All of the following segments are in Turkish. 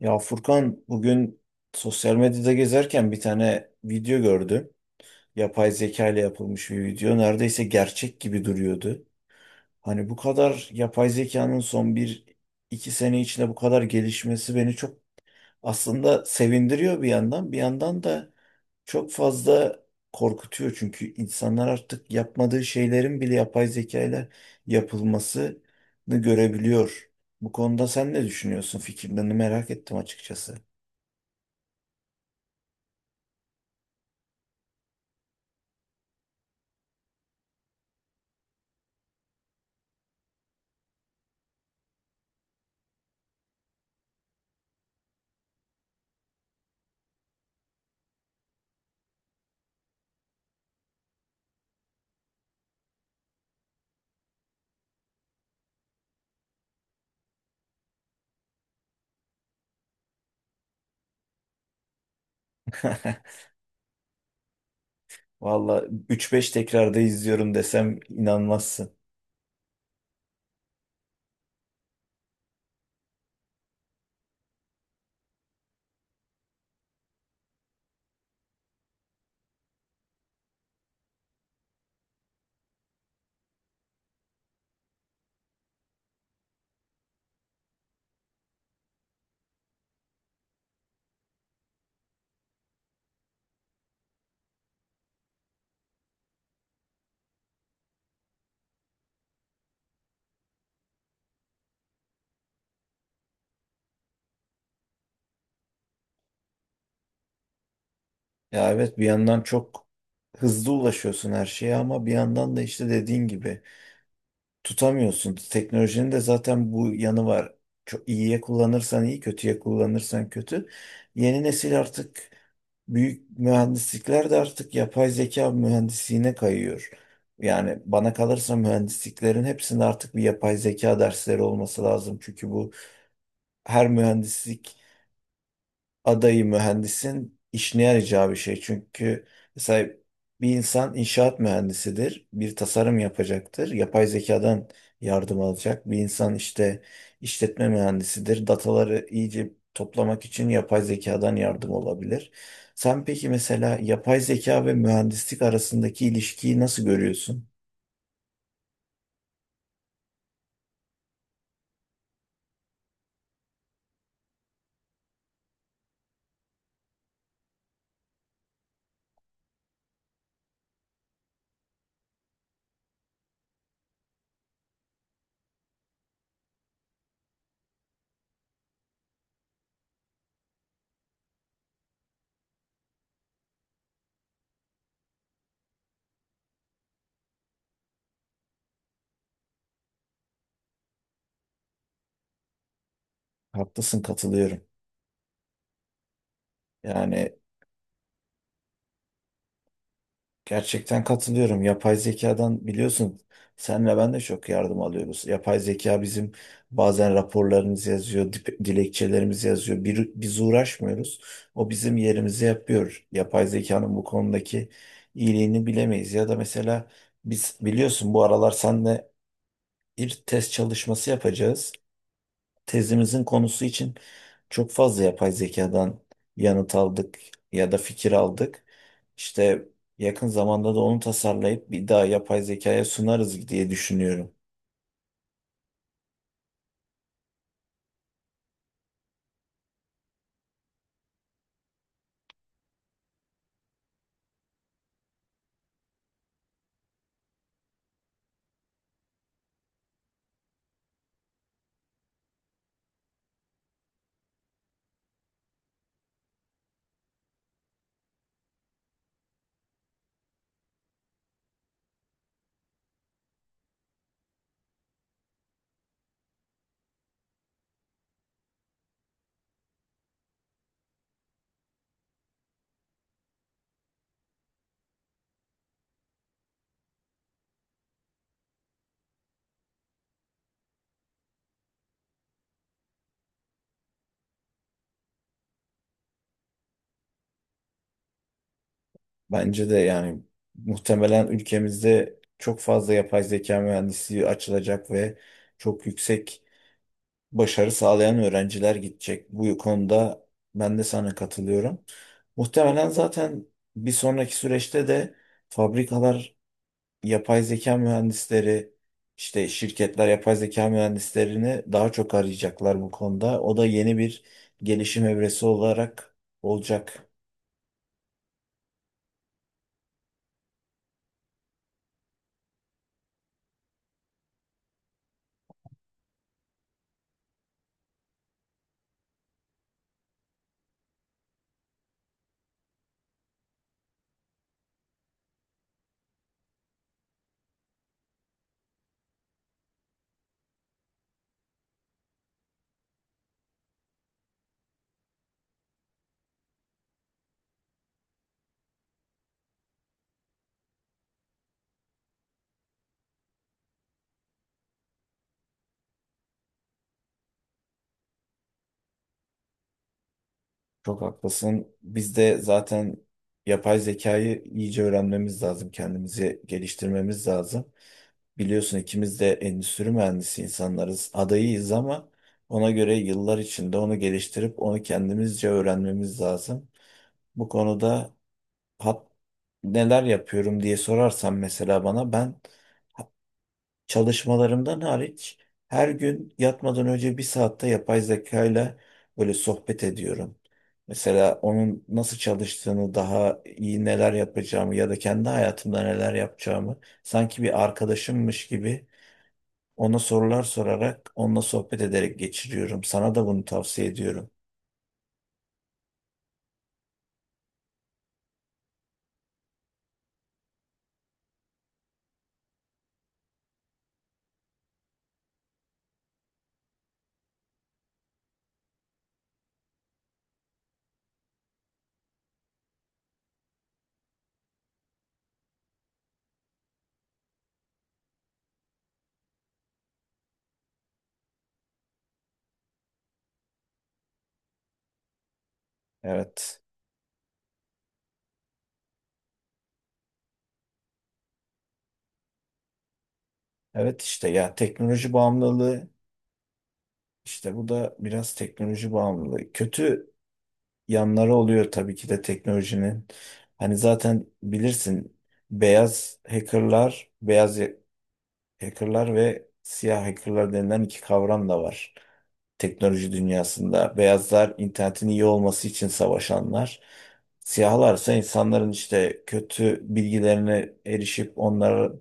Ya Furkan bugün sosyal medyada gezerken bir tane video gördüm. Yapay zeka ile yapılmış bir video. Neredeyse gerçek gibi duruyordu. Hani bu kadar yapay zekanın son bir iki sene içinde bu kadar gelişmesi beni çok aslında sevindiriyor bir yandan. Bir yandan da çok fazla korkutuyor. Çünkü insanlar artık yapmadığı şeylerin bile yapay zeka ile yapılmasını görebiliyor. Bu konuda sen ne düşünüyorsun? Fikirlerini merak ettim açıkçası. Valla üç beş tekrarda izliyorum desem inanmazsın. Ya evet, bir yandan çok hızlı ulaşıyorsun her şeye ama bir yandan da işte dediğin gibi tutamıyorsun. Teknolojinin de zaten bu yanı var. Çok iyiye kullanırsan iyi, kötüye kullanırsan kötü. Yeni nesil artık büyük mühendislikler de artık yapay zeka mühendisliğine kayıyor. Yani bana kalırsa mühendisliklerin hepsinde artık bir yapay zeka dersleri olması lazım. Çünkü bu her mühendislik adayı mühendisin işine yarayacağı bir şey. Çünkü mesela bir insan inşaat mühendisidir, bir tasarım yapacaktır, yapay zekadan yardım alacak. Bir insan işte işletme mühendisidir, dataları iyice toplamak için yapay zekadan yardım olabilir. Sen peki mesela yapay zeka ve mühendislik arasındaki ilişkiyi nasıl görüyorsun? Haklısın, katılıyorum. Yani gerçekten katılıyorum. Yapay zekadan biliyorsun senle ben de çok yardım alıyoruz. Yapay zeka bizim bazen raporlarımızı yazıyor, dilekçelerimizi yazıyor. Bir, biz uğraşmıyoruz. O bizim yerimizi yapıyor. Yapay zekanın bu konudaki iyiliğini bilemeyiz. Ya da mesela biz biliyorsun bu aralar senle bir test çalışması yapacağız tezimizin konusu için çok fazla yapay zekadan yanıt aldık ya da fikir aldık. İşte yakın zamanda da onu tasarlayıp bir daha yapay zekaya sunarız diye düşünüyorum. Bence de yani muhtemelen ülkemizde çok fazla yapay zeka mühendisliği açılacak ve çok yüksek başarı sağlayan öğrenciler gidecek. Bu konuda ben de sana katılıyorum. Muhtemelen zaten bir sonraki süreçte de fabrikalar yapay zeka mühendisleri, işte şirketler yapay zeka mühendislerini daha çok arayacaklar bu konuda. O da yeni bir gelişim evresi olarak olacak. Çok haklısın. Biz de zaten yapay zekayı iyice öğrenmemiz lazım. Kendimizi geliştirmemiz lazım. Biliyorsun ikimiz de endüstri mühendisi insanlarız. Adayıyız ama ona göre yıllar içinde onu geliştirip onu kendimizce öğrenmemiz lazım. Bu konuda hat neler yapıyorum diye sorarsan mesela bana, ben çalışmalarımdan hariç her gün yatmadan önce bir saatte yapay zekayla böyle sohbet ediyorum. Mesela onun nasıl çalıştığını daha iyi neler yapacağımı ya da kendi hayatımda neler yapacağımı sanki bir arkadaşımmış gibi ona sorular sorarak onunla sohbet ederek geçiriyorum. Sana da bunu tavsiye ediyorum. Evet. Evet, işte ya, teknoloji bağımlılığı. İşte bu da biraz teknoloji bağımlılığı. Kötü yanları oluyor tabii ki de teknolojinin. Hani zaten bilirsin beyaz hackerlar, beyaz hackerlar ve siyah hackerlar denilen iki kavram da var teknoloji dünyasında. Beyazlar internetin iyi olması için savaşanlar. Siyahlarsa insanların işte kötü bilgilerine erişip onlara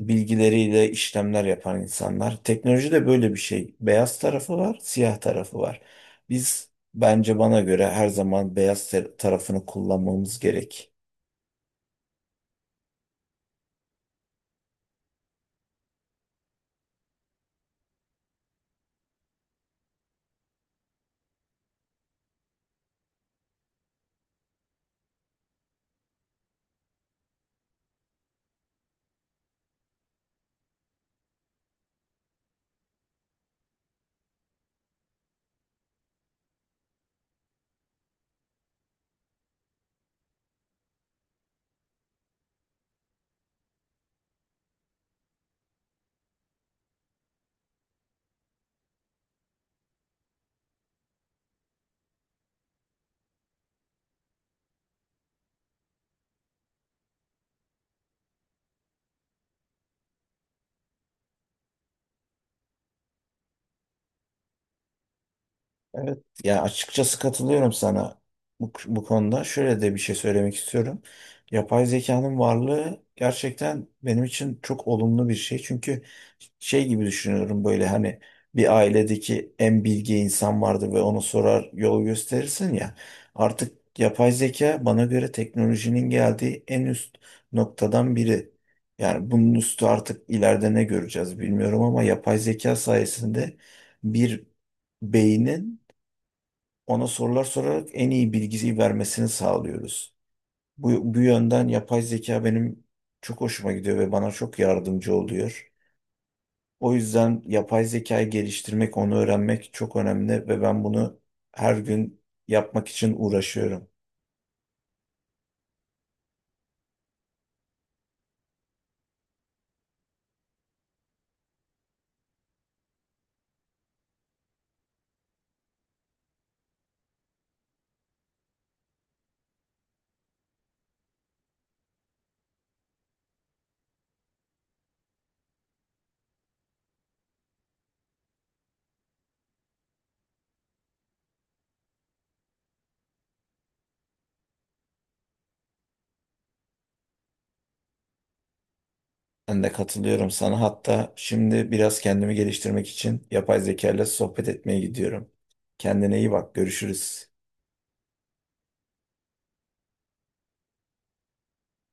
bilgileriyle işlemler yapan insanlar. Teknoloji de böyle bir şey. Beyaz tarafı var, siyah tarafı var. Biz bence bana göre her zaman beyaz tarafını kullanmamız gerek. Evet, yani açıkçası katılıyorum sana bu konuda. Şöyle de bir şey söylemek istiyorum. Yapay zekanın varlığı gerçekten benim için çok olumlu bir şey. Çünkü şey gibi düşünüyorum, böyle hani bir ailedeki en bilge insan vardı ve ona sorar yol gösterirsin ya. Artık yapay zeka bana göre teknolojinin geldiği en üst noktadan biri. Yani bunun üstü artık ileride ne göreceğiz bilmiyorum ama yapay zeka sayesinde bir beynin ona sorular sorarak en iyi bilgiyi vermesini sağlıyoruz. Bu yönden yapay zeka benim çok hoşuma gidiyor ve bana çok yardımcı oluyor. O yüzden yapay zekayı geliştirmek, onu öğrenmek çok önemli ve ben bunu her gün yapmak için uğraşıyorum. Ben de katılıyorum sana. Hatta şimdi biraz kendimi geliştirmek için yapay zeka ile sohbet etmeye gidiyorum. Kendine iyi bak, görüşürüz.